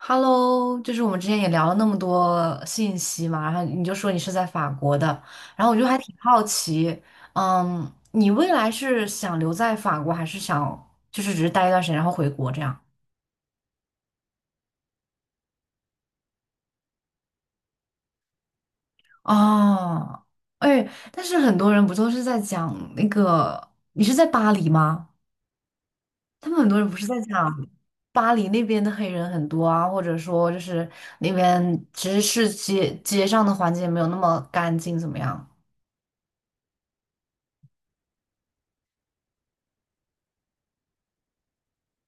Hello，就是我们之前也聊了那么多信息嘛，然后你就说你是在法国的，然后我就还挺好奇，你未来是想留在法国，还是想就是只是待一段时间然后回国这样？哦，哎，但是很多人不都是在讲那个，你是在巴黎吗？他们很多人不是在讲巴黎那边的黑人很多啊，或者说就是那边其实是街上的环境没有那么干净，怎么样？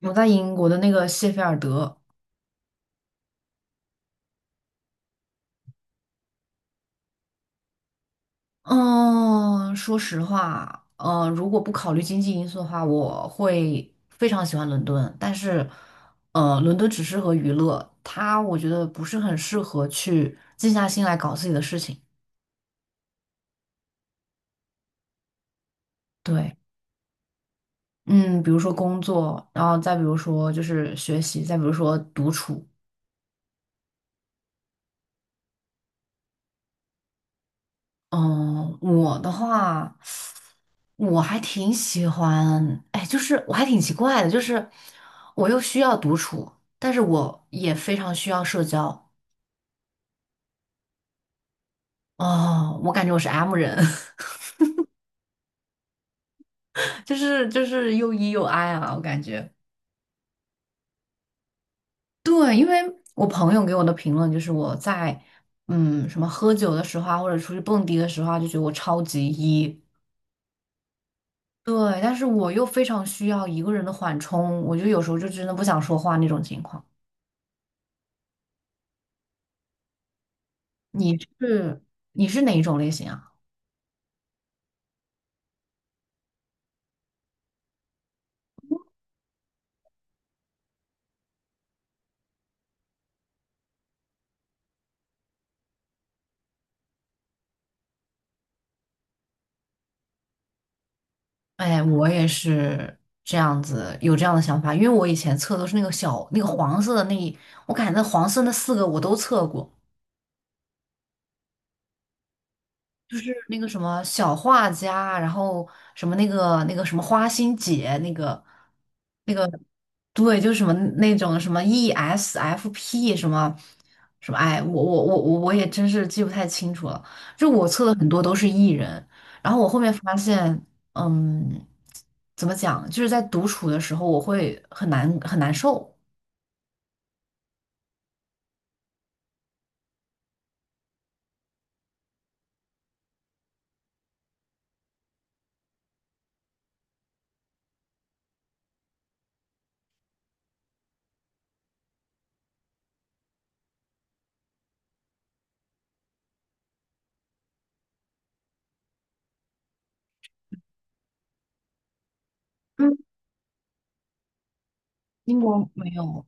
我在英国的那个谢菲尔德，嗯，说实话，如果不考虑经济因素的话，我会非常喜欢伦敦。但是，伦敦只适合娱乐，它我觉得不是很适合去静下心来搞自己的事情。对，嗯，比如说工作，然后再比如说就是学习，再比如说独处。嗯，我的话。我还挺喜欢，哎，就是我还挺奇怪的，就是我又需要独处，但是我也非常需要社交。哦，我感觉我是 M 人，就是又 E 又 I 啊，我感觉。对，因为我朋友给我的评论就是我在什么喝酒的时候啊，或者出去蹦迪的时候啊，就觉得我超级 E。对，但是我又非常需要一个人的缓冲，我就有时候就真的不想说话那种情况。你是你是哪一种类型啊？哎，我也是这样子，有这样的想法，因为我以前测都是那个小那个黄色的我感觉那黄色那四个我都测过，就是那个什么小画家，然后什么那个什么花心姐那个。那个对，就是什么那种什么 ESFP 什么，哎，我也真是记不太清楚了。就我测的很多都是 E 人，然后我后面发现，嗯，怎么讲，就是在独处的时候我会很难受。嗯，英国没有，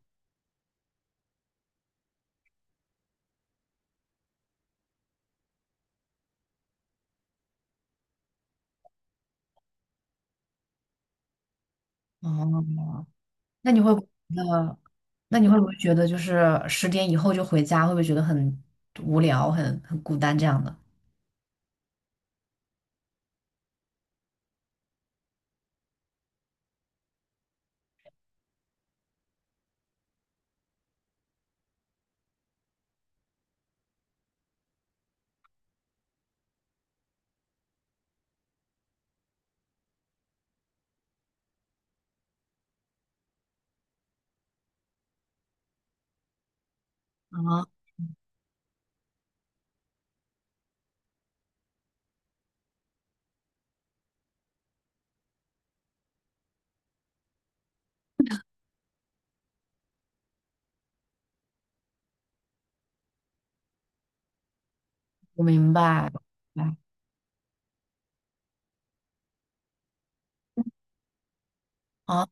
啊，那你会不会觉得，那你会不会觉得就是十点以后就回家，会不会觉得很无聊、很孤单这样的？啊，我明白。明白哦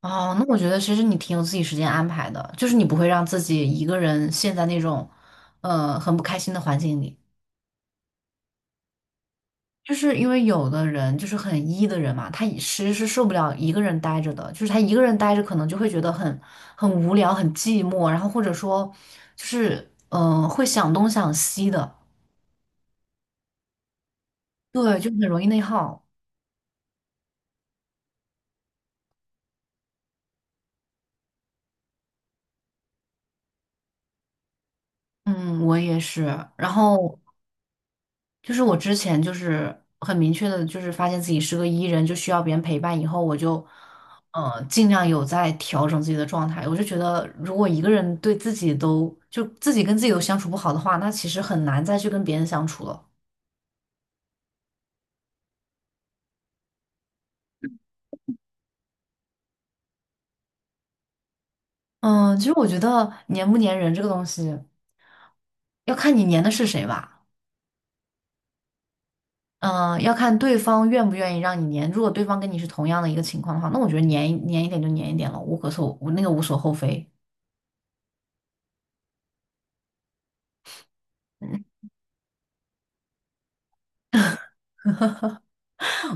哦，那我觉得其实你挺有自己时间安排的，就是你不会让自己一个人陷在那种，很不开心的环境里。就是因为有的人就是很 E 的人嘛，他其实是受不了一个人待着的，就是他一个人待着可能就会觉得很无聊、很寂寞，然后或者说就是会想东想西的，对，就很容易内耗。嗯，我也是。然后就是我之前就是很明确的，就是发现自己是个 E 人，就需要别人陪伴。以后我就，尽量有在调整自己的状态。我就觉得，如果一个人对自己都就自己跟自己都相处不好的话，那其实很难再去跟别人相处了。嗯，其实我觉得粘不粘人这个东西，要看你粘的是谁吧。嗯，要看对方愿不愿意让你粘。如果对方跟你是同样的一个情况的话，那我觉得粘一粘一点就粘一点了，无可厚，那个无所厚非。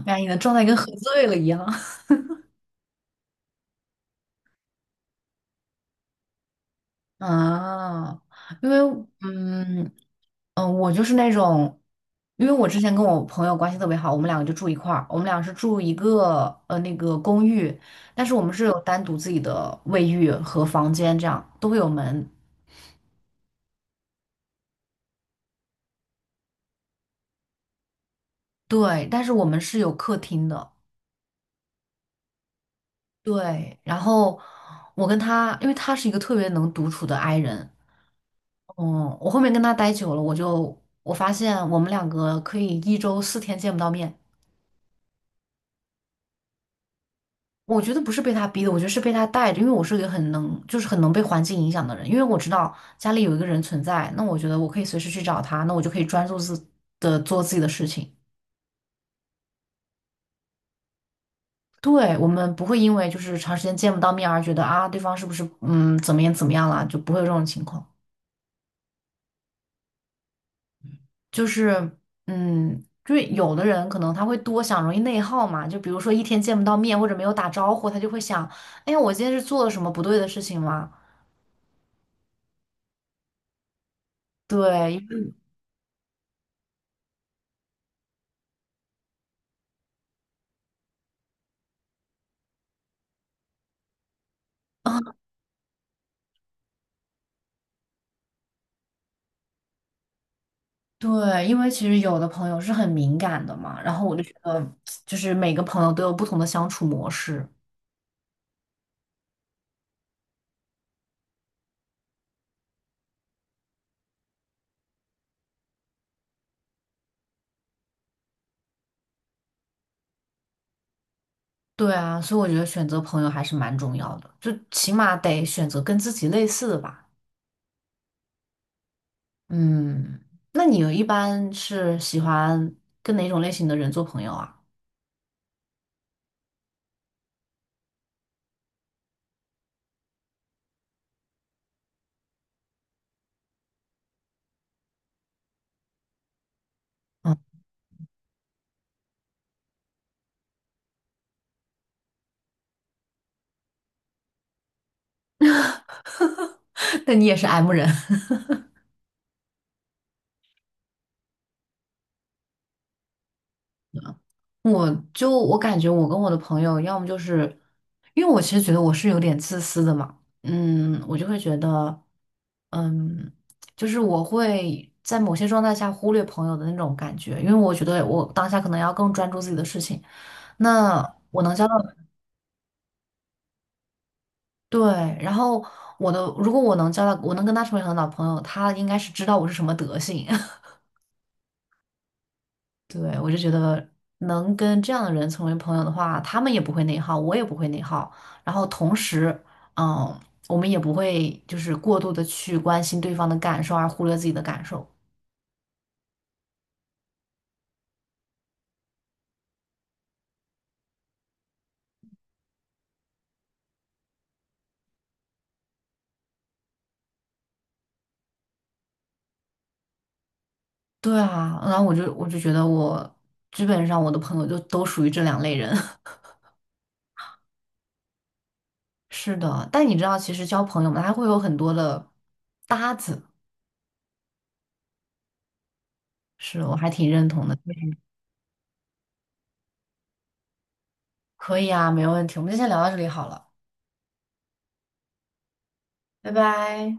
哎你的状态跟喝醉了一样。啊，因为嗯嗯，我就是那种，因为我之前跟我朋友关系特别好，我们两个就住一块儿，我们俩是住一个那个公寓，但是我们是有单独自己的卫浴和房间，这样都会有门，对，但是我们是有客厅的，对，然后我跟他，因为他是一个特别能独处的 i 人，嗯，我后面跟他待久了，我发现我们两个可以一周四天见不到面。我觉得不是被他逼的，我觉得是被他带着，因为我是一个很能，就是很能被环境影响的人，因为我知道家里有一个人存在，那我觉得我可以随时去找他，那我就可以专注自的做自己的事情。对，我们不会因为就是长时间见不到面而觉得啊，对方是不是怎么样怎么样了，就不会有这种情况。就是就是有的人可能他会多想，容易内耗嘛，就比如说一天见不到面或者没有打招呼，他就会想，哎呀，我今天是做了什么不对的事情吗？对。对，因为其实有的朋友是很敏感的嘛，然后我就觉得，就是每个朋友都有不同的相处模式。对啊，所以我觉得选择朋友还是蛮重要的，就起码得选择跟自己类似的吧。嗯，那你一般是喜欢跟哪种类型的人做朋友啊？嗯，那你也是 M 人。我感觉我跟我的朋友，要么就是，因为我其实觉得我是有点自私的嘛，我就会觉得。嗯，就是我会在某些状态下忽略朋友的那种感觉，因为我觉得我当下可能要更专注自己的事情。那我能交到，对，然后我的，如果我能交到，我能跟他成为很好的朋友，他应该是知道我是什么德性。对，我就觉得能跟这样的人成为朋友的话，他们也不会内耗，我也不会内耗，然后同时，嗯，我们也不会就是过度的去关心对方的感受而忽略自己的感受。对啊，然后我就觉得我基本上我的朋友就都属于这两类人。是的，但你知道，其实交朋友嘛，他会有很多的搭子，是我还挺认同的。可以啊，没问题，我们就先聊到这里好了，拜拜。